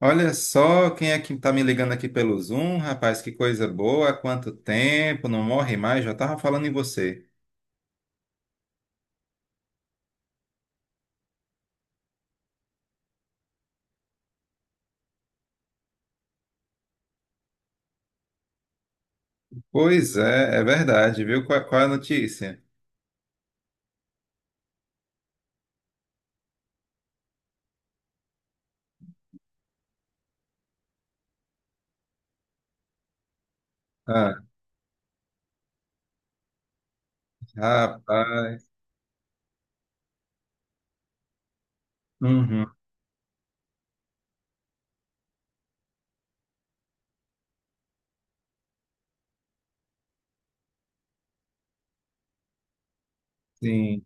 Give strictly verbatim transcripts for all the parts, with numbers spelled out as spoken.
Olha só quem é que tá me ligando aqui pelo Zoom, rapaz, que coisa boa, há quanto tempo, não morre mais, já tava falando em você. Pois é, é verdade, viu? Qual, qual é a notícia? Ah, rapaz, uhum, sim.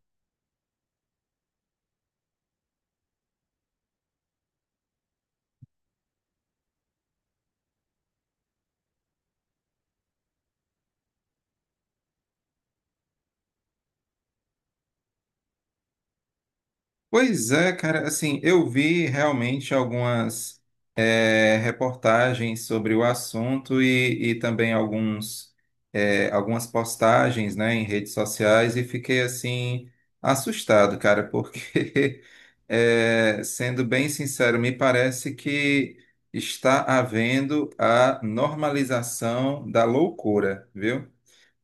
Pois é, cara, assim, eu vi realmente algumas eh, reportagens sobre o assunto e, e também alguns, eh, algumas postagens, né, em redes sociais e fiquei, assim, assustado, cara, porque, eh, sendo bem sincero, me parece que está havendo a normalização da loucura, viu?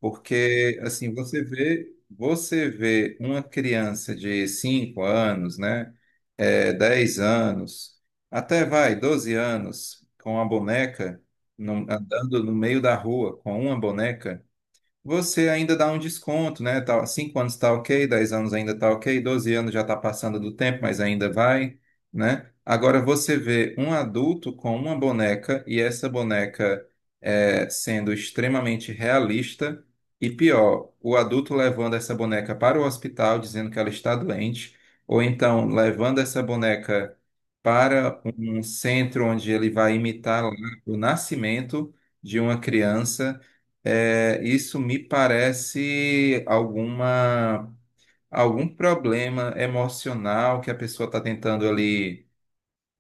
Porque, assim, você vê, você vê uma criança de cinco anos, né, é, dez anos, até vai, doze anos, com a boneca, num- andando no meio da rua com uma boneca, você ainda dá um desconto, né? Tá, cinco anos está ok, dez anos ainda está ok, doze anos já está passando do tempo, mas ainda vai, né? Agora você vê um adulto com uma boneca e essa boneca é, sendo extremamente realista e pior, o adulto levando essa boneca para o hospital dizendo que ela está doente, ou então levando essa boneca para um centro onde ele vai imitar lá o nascimento de uma criança, é, isso me parece alguma, algum problema emocional que a pessoa está tentando ali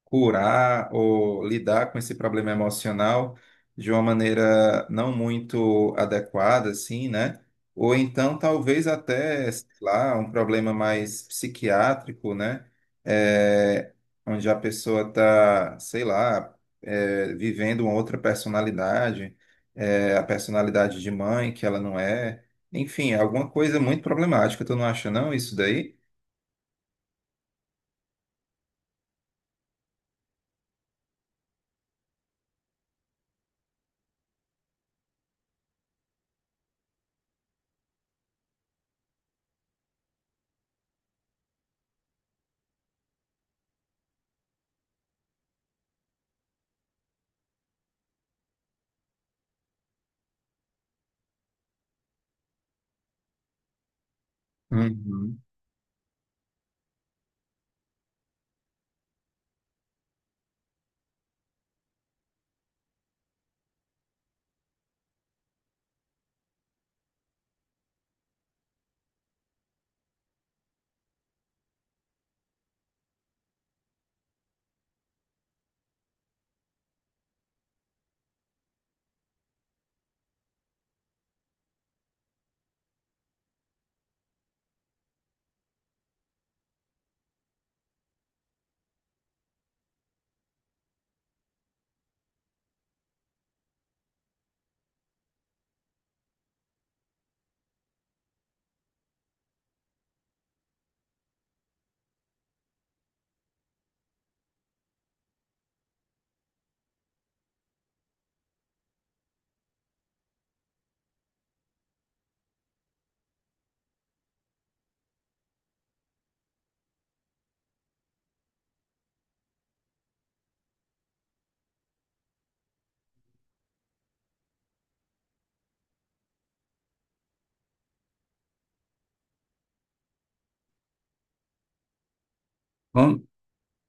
curar ou lidar com esse problema emocional de uma maneira não muito adequada, assim, né? Ou então, talvez até, sei lá, um problema mais psiquiátrico, né? É, onde a pessoa está, sei lá, é, vivendo uma outra personalidade, é, a personalidade de mãe que ela não é. Enfim, alguma coisa muito problemática, tu não acha não isso daí? Uhum.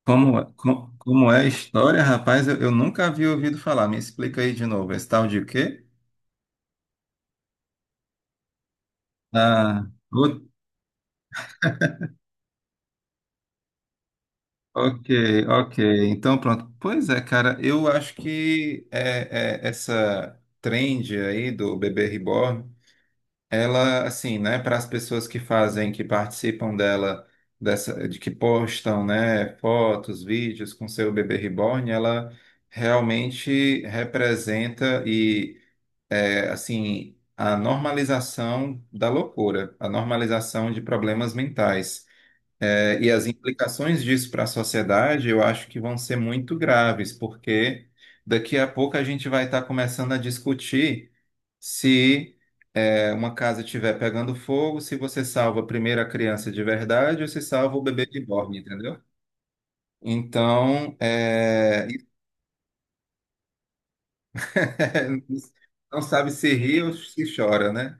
Como, é- co- como é a história, rapaz? Eu, eu nunca havia ouvido falar. Me explica aí de novo. Esse tal de o quê? Ah, o- ok, ok. Então, pronto. Pois é, cara, eu acho que é, é, essa trend aí do bebê reborn, ela, assim, né, para as pessoas que fazem, que participam dela, dessa, de que postam, né, fotos, vídeos com seu bebê reborn, ela realmente representa, é, assim, a normalização da loucura, a normalização de problemas mentais. É, e as implicações disso para a sociedade, eu acho que vão ser muito graves, porque daqui a pouco a gente vai estar começando a discutir se é, uma casa estiver pegando fogo, se você salva primeiro a criança de verdade ou se salva o bebê de borne, entendeu? Então, é, não sabe se ri ou se chora, né?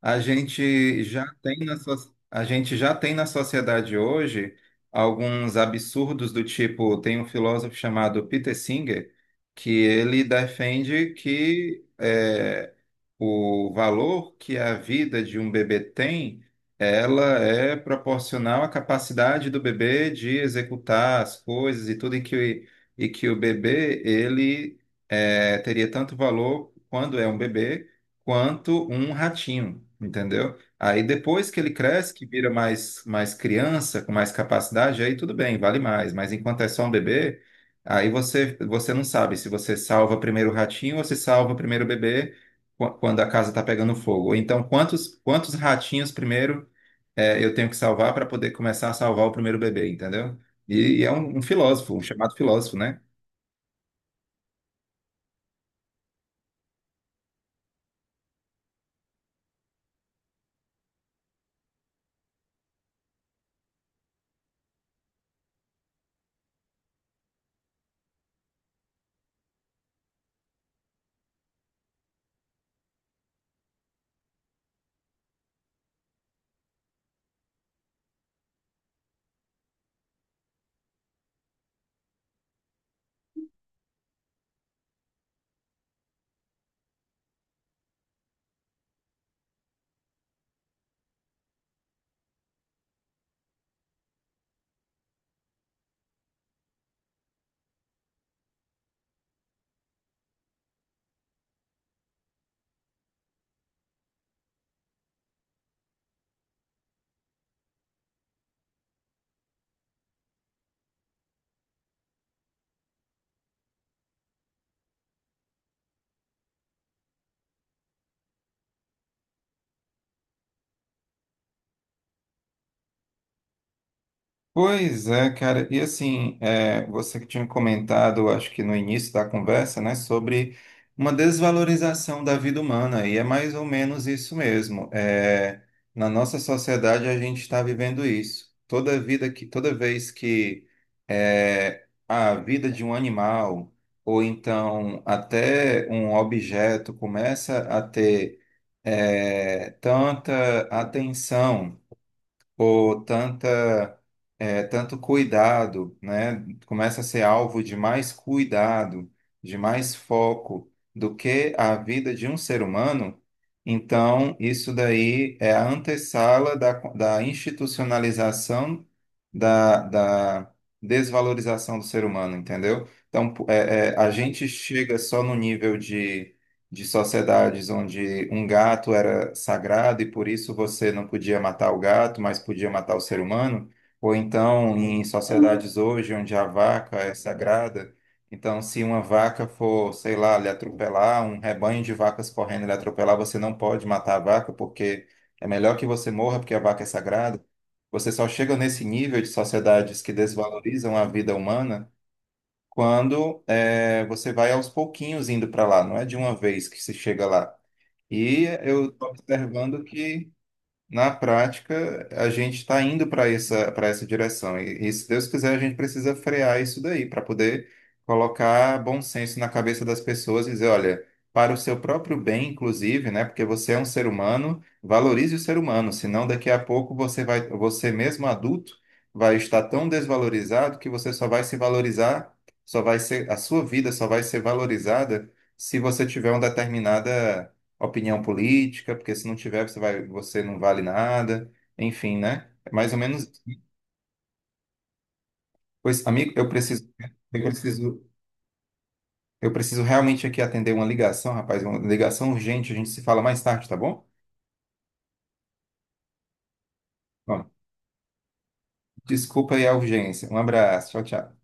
A gente já tem na, so- a gente já tem na sociedade hoje alguns absurdos do tipo, tem um filósofo chamado Peter Singer, que ele defende que é, o valor que a vida de um bebê tem, ela é proporcional à capacidade do bebê de executar as coisas e tudo, e que, e que o bebê, ele é, teria tanto valor quando é um bebê quanto um ratinho, entendeu? Aí depois que ele cresce, que vira mais, mais criança, com mais capacidade, aí tudo bem, vale mais. Mas enquanto é só um bebê, aí você, você não sabe se você salva primeiro o ratinho ou se salva primeiro o bebê qu- quando a casa está pegando fogo. Ou então, quantos, quantos ratinhos primeiro é, eu tenho que salvar para poder começar a salvar o primeiro bebê, entendeu? E, e é um, um filósofo, um chamado filósofo, né? Pois é, cara. E assim, é, você que tinha comentado, acho que no início da conversa, né, sobre uma desvalorização da vida humana, e é mais ou menos isso mesmo. É, na nossa sociedade, a gente está vivendo isso. Toda vida que, toda vez que é, a vida de um animal, ou então até um objeto, começa a ter, é, tanta atenção por tanta, eh, tanto cuidado, né? Começa a ser alvo de mais cuidado, de mais foco do que a vida de um ser humano. Então, isso daí é a antessala da, da institucionalização da, da desvalorização do ser humano, entendeu? Então, é, é, a gente chega só no nível de de sociedades onde um gato era sagrado e por isso você não podia matar o gato, mas podia matar o ser humano, ou então em sociedades hoje onde a vaca é sagrada, então se uma vaca for, sei lá, lhe atropelar, um rebanho de vacas correndo lhe atropelar, você não pode matar a vaca porque é melhor que você morra porque a vaca é sagrada. Você só chega nesse nível de sociedades que desvalorizam a vida humana quando é, você vai aos pouquinhos indo para lá, não é de uma vez que se chega lá. E eu estou observando que na prática, a gente está indo para essa, para essa direção. E, e se Deus quiser, a gente precisa frear isso daí para poder colocar bom senso na cabeça das pessoas e dizer, olha, para o seu próprio bem, inclusive, né? Porque você é um ser humano, valorize o ser humano, senão daqui a pouco você vai, você mesmo adulto vai estar tão desvalorizado que você só vai se valorizar, só vai ser, a sua vida só vai ser valorizada se você tiver uma determinada opinião política, porque se não tiver, você vai, você não vale nada. Enfim, né? É mais ou menos isso. Pois, amigo, eu preciso, eu preciso, eu preciso realmente aqui atender uma ligação, rapaz, uma ligação urgente. A gente se fala mais tarde, tá bom? Bom, desculpa aí a urgência. Um abraço. Tchau, tchau.